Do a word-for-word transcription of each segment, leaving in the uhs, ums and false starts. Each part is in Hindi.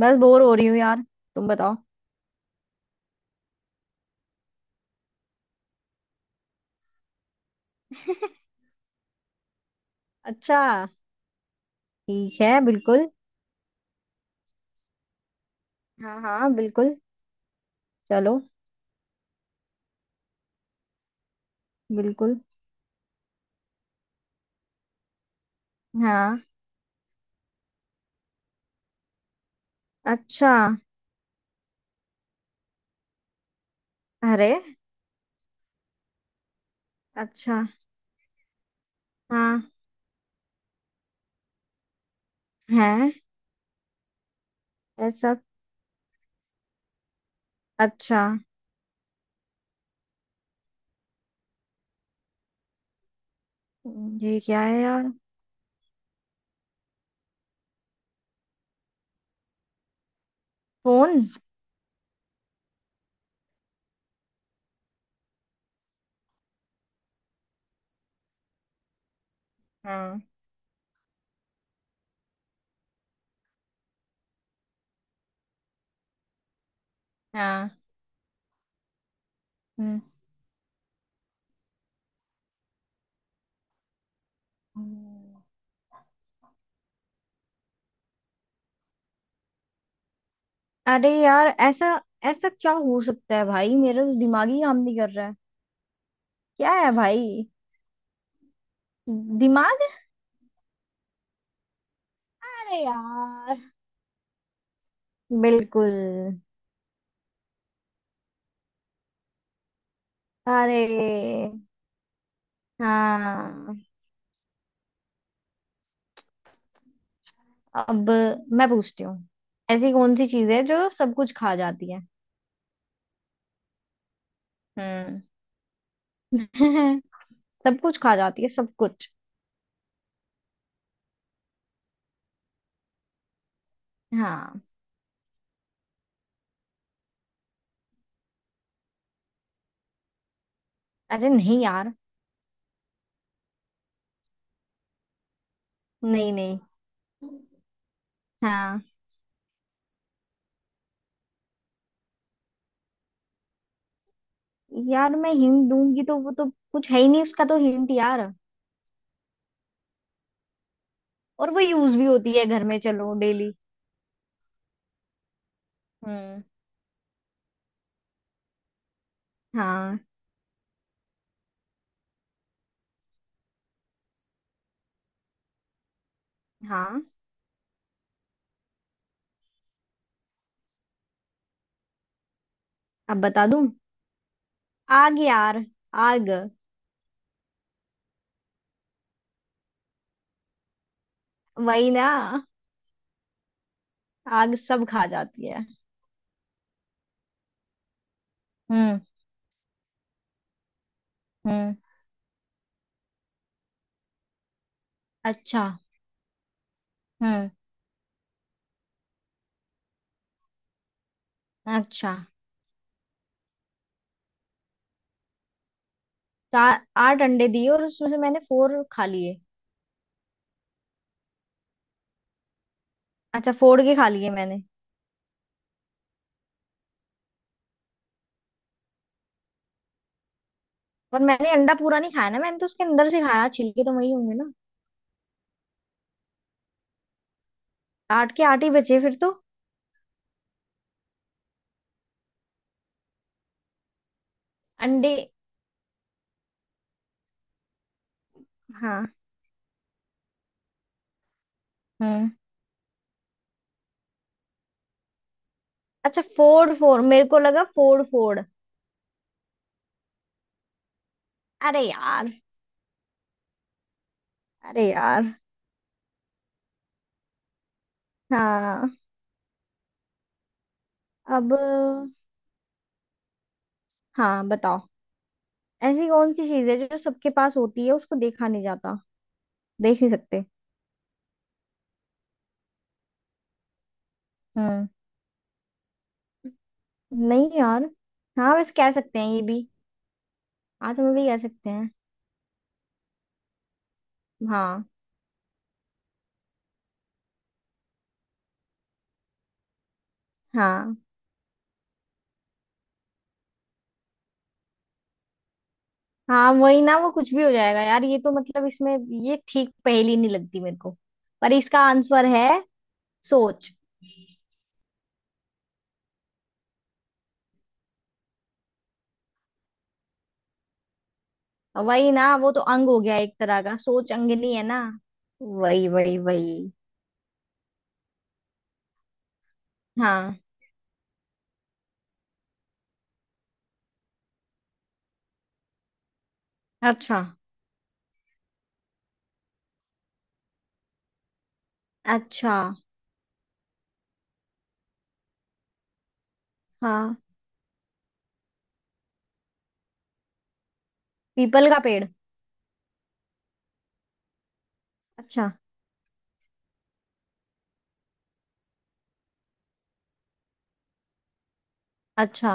बस बोर हो रही हूँ यार। तुम बताओ। अच्छा। ठीक है, बिल्कुल। हाँ हाँ, बिल्कुल। चलो। बिल्कुल। हाँ। अच्छा। अरे। अच्छा। हाँ। है। ऐसा। अच्छा। ये क्या है यार? फोन। हाँ। हाँ। हम्म। हम्म, अरे यार, ऐसा ऐसा क्या हो सकता है भाई, मेरा तो दिमाग ही काम नहीं कर रहा है। क्या है भाई? दिमाग। अरे यार। बिल्कुल। अरे। हाँ। अब मैं पूछती हूँ। ऐसी कौन सी चीज है जो सब कुछ खा जाती है? हम्म। सब कुछ खा जाती है, सब कुछ। हाँ। अरे नहीं यार। नहीं नहीं। हाँ यार, मैं हिंट दूंगी तो वो तो कुछ है ही नहीं, उसका तो हिंट यार। और वो यूज भी होती है घर में, चलो डेली। हम्म। हाँ। हाँ। अब बता दूं। आग यार। आग। वही ना। आग सब खा जाती है। हम्म। हम्म। अच्छा। हम्म। अच्छा। चार। आठ अंडे दिए और उसमें से मैंने फोर खा लिए। अच्छा, फोड़ के खा लिए मैंने? पर मैंने अंडा पूरा नहीं खाया ना, मैंने तो उसके अंदर से खाया, छिलके तो वही होंगे ना। आठ के आठ ही बचे फिर तो। अंडे। हाँ। हम्म। अच्छा फोड़ फोड़, मेरे को लगा फोड़ फोड़। अरे यार। अरे यार। हाँ। अब। हाँ बताओ। ऐसी कौन सी चीज है जो सबके पास होती है, उसको देखा नहीं जाता? देख नहीं सकते। हम्म। नहीं यार। हाँ वैसे कह सकते हैं ये भी। हाँ तुम्हें भी कह सकते हैं। हाँ। हाँ। हाँ वही ना, वो कुछ भी हो जाएगा यार, ये तो मतलब इसमें। ये ठीक पहेली नहीं लगती मेरे को। पर इसका आंसर है सोच। वही ना, वो तो अंग हो गया एक तरह का, सोच अंगनी है ना। वही वही वही। हाँ। अच्छा अच्छा। हाँ। पीपल का पेड़। अच्छा। अच्छा।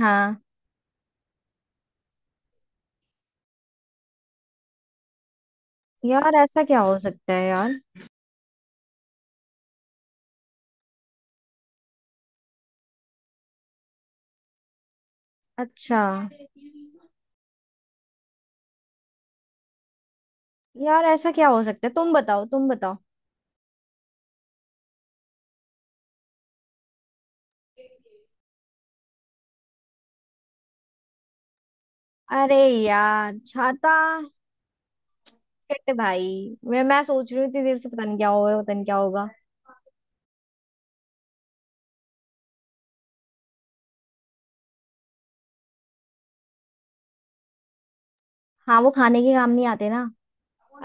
हाँ यार, ऐसा क्या हो सकता है यार? अच्छा। यार ऐसा क्या हो सकता है, तुम बताओ तुम बताओ। अरे यार, छाता। शिट भाई। मैं मैं सोच रही हूँ इतनी देर से, पता नहीं क्या होगा, पता नहीं क्या होगा। हाँ वो खाने के काम नहीं आते ना।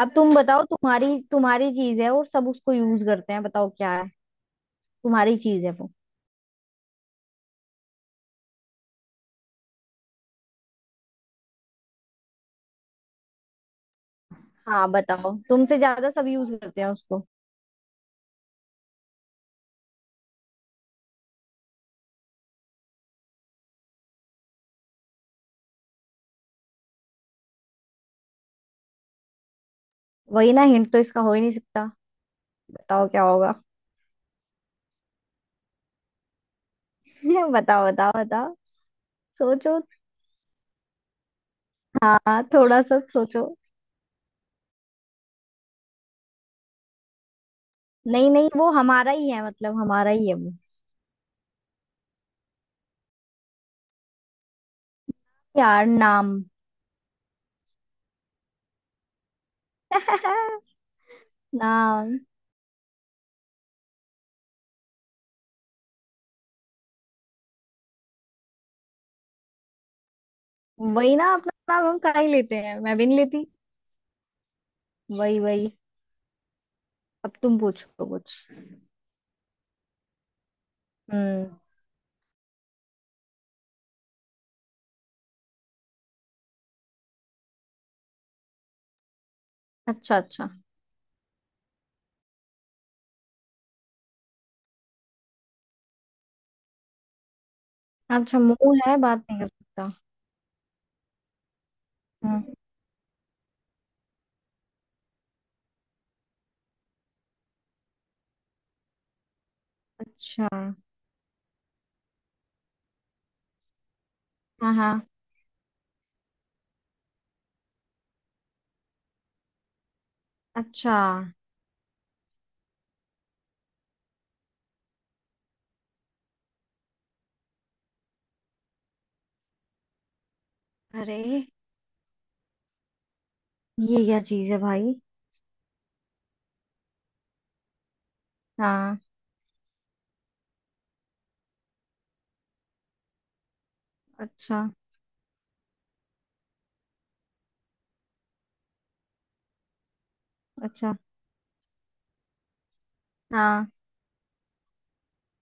अब तुम बताओ, तुम्हारी तुम्हारी चीज है और सब उसको यूज करते हैं, बताओ क्या है? तुम्हारी चीज है वो। हाँ बताओ, तुमसे ज्यादा सब यूज करते हैं उसको। वही ना, हिंट तो इसका हो ही नहीं सकता। बताओ क्या होगा? बताओ बताओ बताओ। सोचो। हाँ थोड़ा सा सोचो। नहीं नहीं, वो हमारा ही है, मतलब हमारा ही है वो। यार नाम। नाम। वही ना, अपना नाम हम कहा ही लेते हैं, मैं भी नहीं लेती। वही वही। अब तुम पूछो कुछ। हम्म। अच्छा अच्छा। अच्छा मुंह है बात नहीं कर सकता। हाँ। अच्छा। हाँ हाँ। अच्छा। अरे ये क्या चीज है भाई? हाँ। अच्छा अच्छा। हाँ।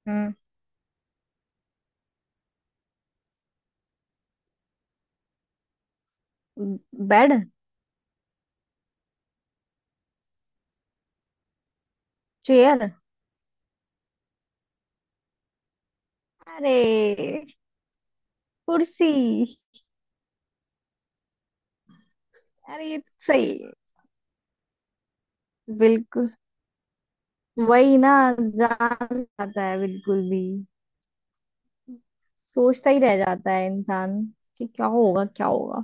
हम्म। बेड। चेयर। अरे कुर्सी। अरे ये तो सही है। बिल्कुल। वही ना। जान जाता है बिल्कुल भी। सोचता ही रह जाता है इंसान, कि क्या होगा क्या होगा।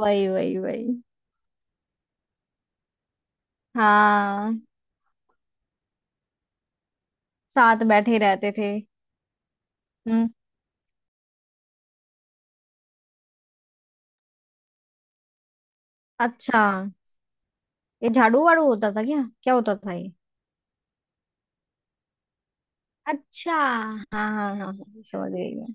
वही वही वही। हाँ। साथ बैठे रहते थे। हम्म। अच्छा, ये झाड़ू वाड़ू होता था, क्या क्या होता था ये? अच्छा हाँ हाँ। हाँ हाँ, समझ गई मैं।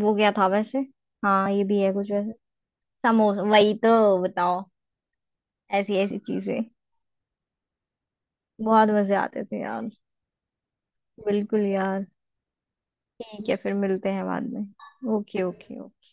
वो क्या था वैसे? हाँ ये भी है कुछ वैसे। समोसा। वही तो। बताओ। ऐसी ऐसी चीजें। बहुत मजे आते थे यार। बिल्कुल यार। ठीक है फिर मिलते हैं बाद में। Okay okay. ओके।